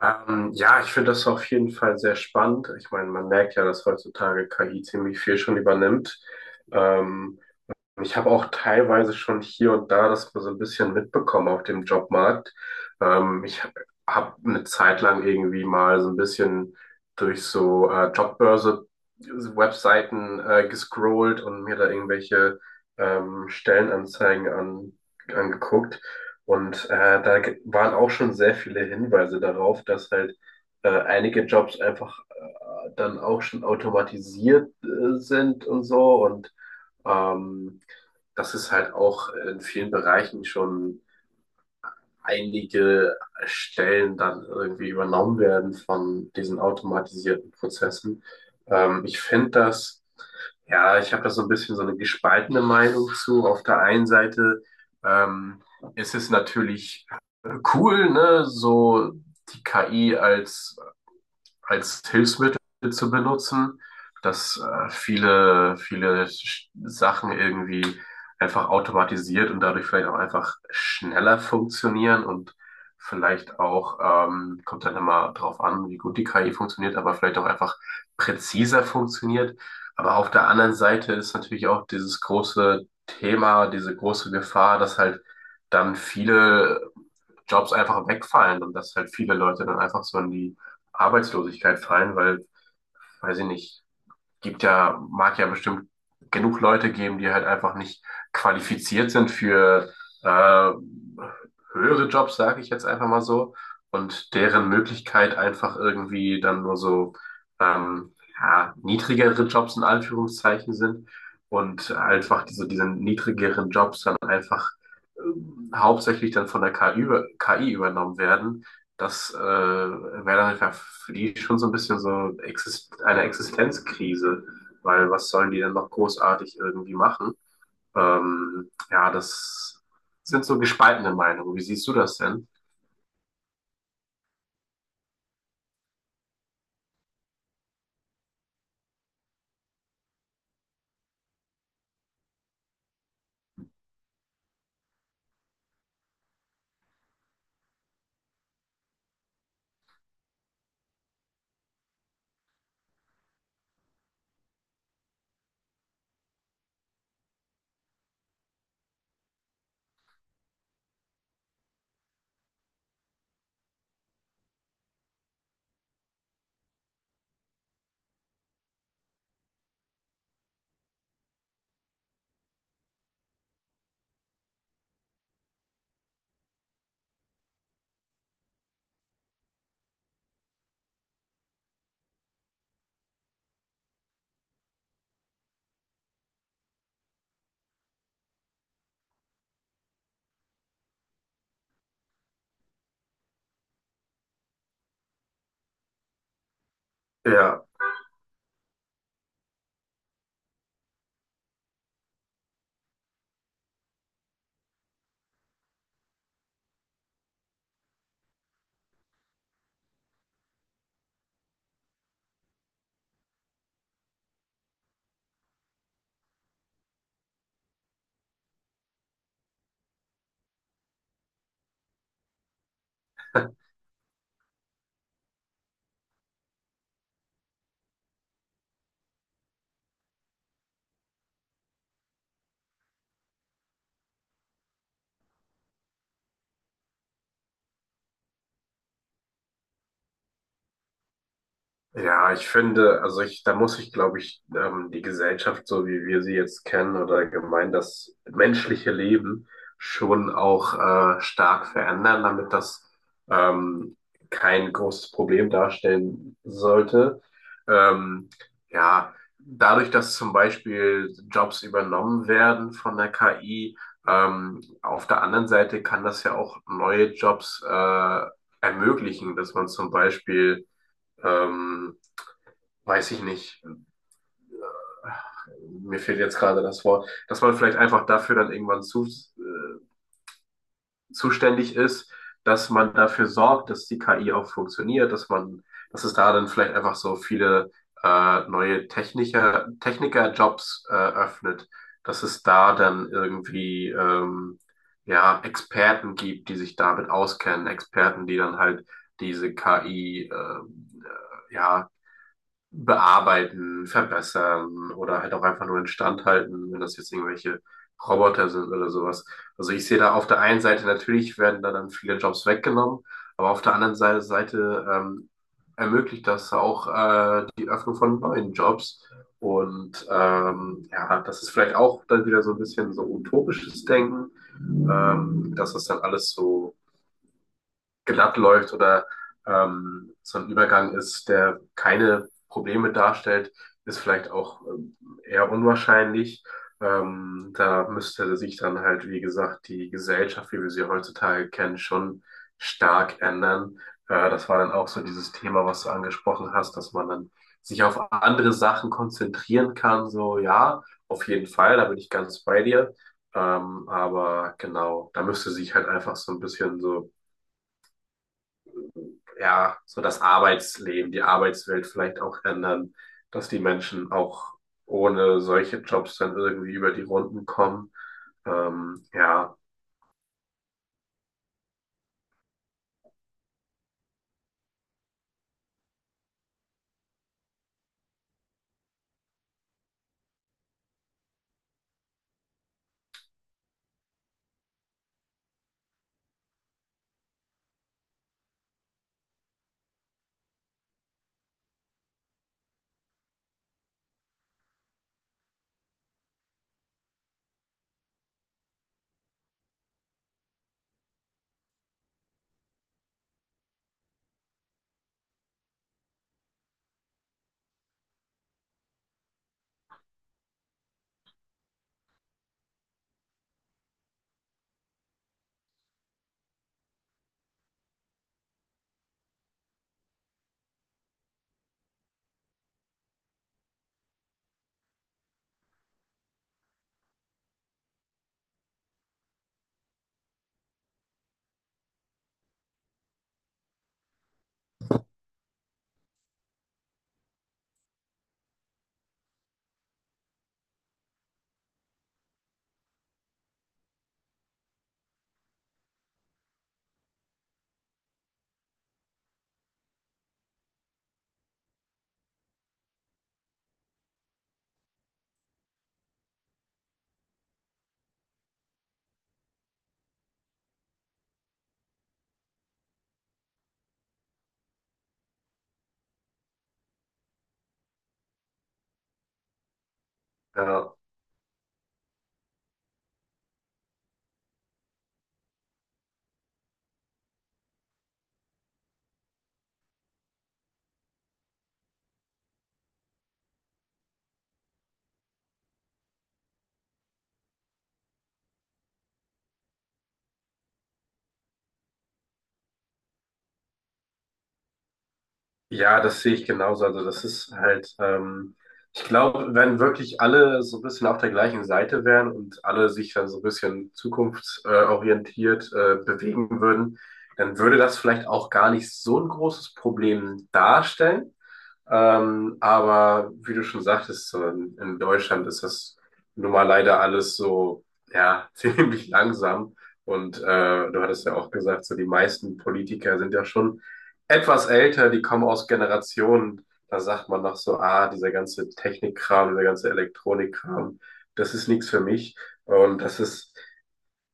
Ja, Ich finde das auf jeden Fall sehr spannend. Ich meine, man merkt ja, dass heutzutage KI ziemlich viel schon übernimmt. Ähm, Ich habe auch teilweise schon hier und da das so ein bisschen mitbekommen auf dem Jobmarkt. Ich habe eine Zeit lang irgendwie mal so ein bisschen durch so Jobbörse-Webseiten gescrollt und mir da irgendwelche ähm, Stellenanzeigen an, angeguckt. Und waren auch schon sehr viele Hinweise darauf, dass halt einige Jobs einfach dann auch schon automatisiert sind und so, und ähm, dass es halt auch in vielen Bereichen schon einige Stellen dann irgendwie übernommen werden von diesen automatisierten Prozessen. Ähm, ich finde das, ja, ich habe da so ein bisschen so eine gespaltene Meinung zu. Auf der einen Seite ähm, ist es natürlich cool, ne, so die KI als Hilfsmittel zu benutzen, dass viele Sachen irgendwie einfach automatisiert und dadurch vielleicht auch einfach schneller funktionieren und vielleicht auch, kommt dann immer drauf an, wie gut die KI funktioniert, aber vielleicht auch einfach präziser funktioniert. Aber auf der anderen Seite ist natürlich auch dieses große Thema, diese große Gefahr, dass halt dann viele Jobs einfach wegfallen und dass halt viele Leute dann einfach so in die Arbeitslosigkeit fallen, weil, weiß ich nicht, gibt ja, mag ja bestimmt genug Leute geben, die halt einfach nicht qualifiziert sind für äh, höhere Jobs, sage ich jetzt einfach mal so, und deren Möglichkeit einfach irgendwie dann nur so ähm, ja, niedrigere Jobs in Anführungszeichen sind, und einfach diese niedrigeren Jobs dann einfach hauptsächlich dann von der KI übernommen werden. Das wäre dann einfach für die schon so ein bisschen so exist eine Existenzkrise, weil was sollen die denn noch großartig irgendwie machen? Ja, das sind so gespaltene Meinungen. Wie siehst du das denn? Ja. Ja, ich finde, da muss ich, glaube ich, die Gesellschaft, so wie wir sie jetzt kennen, oder allgemein das menschliche Leben schon auch stark verändern, damit das ähm, kein großes Problem darstellen sollte. Ähm, ja, Dadurch, dass zum Beispiel Jobs übernommen werden von der KI, auf der anderen Seite kann das ja auch neue Jobs ermöglichen, dass man zum Beispiel ähm, weiß ich nicht, mir fehlt jetzt gerade das Wort, dass man vielleicht einfach dafür dann irgendwann zuständig ist, dass man dafür sorgt, dass die KI auch funktioniert, dass es da dann vielleicht einfach so viele Technikerjobs öffnet, dass es da dann irgendwie ja Experten gibt, die sich damit auskennen, Experten, die dann halt diese KI ja bearbeiten, verbessern oder halt auch einfach nur instand halten, wenn das jetzt irgendwelche Roboter sind oder sowas. Also ich sehe da auf der einen Seite, natürlich werden da dann viele Jobs weggenommen, aber auf der anderen Seite ermöglicht das auch die Öffnung von neuen Jobs. Und ja, das ist vielleicht auch dann wieder so ein bisschen so utopisches Denken, dass das dann alles so glatt läuft oder so ein Übergang ist, der keine Probleme darstellt, ist vielleicht auch eher unwahrscheinlich. Da müsste sich dann halt, wie gesagt, die Gesellschaft, wie wir sie heutzutage kennen, schon stark ändern. Das war dann auch so dieses Thema, was du angesprochen hast, dass man dann sich auf andere Sachen konzentrieren kann. So, ja, auf jeden Fall, da bin ich ganz bei dir. Aber genau, da müsste sich halt einfach so ein bisschen so ja, so das Arbeitsleben, die Arbeitswelt vielleicht auch ändern, dass die Menschen auch ohne solche Jobs dann irgendwie über die Runden kommen. Ja, ja. Ja, das sehe ich genauso. Also das ist halt, ich glaube, wenn wirklich alle so ein bisschen auf der gleichen Seite wären und alle sich dann so ein bisschen zukunftsorientiert bewegen würden, dann würde das vielleicht auch gar nicht so ein großes Problem darstellen. Aber wie du schon sagtest, so in Deutschland ist das nun mal leider alles so, ja, ziemlich langsam. Und du hattest ja auch gesagt, so die meisten Politiker sind ja schon etwas älter, die kommen aus Generationen, da sagt man noch so, ah, dieser ganze Technikkram, dieser ganze Elektronikkram, das ist nichts für mich. Und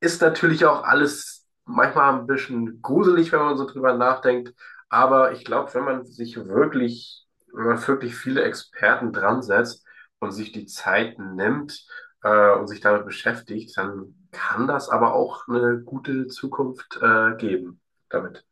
ist natürlich auch alles manchmal ein bisschen gruselig, wenn man so drüber nachdenkt. Aber ich glaube, wenn man wirklich viele Experten dran setzt und sich die Zeit nimmt und sich damit beschäftigt, dann kann das aber auch eine gute Zukunft geben damit.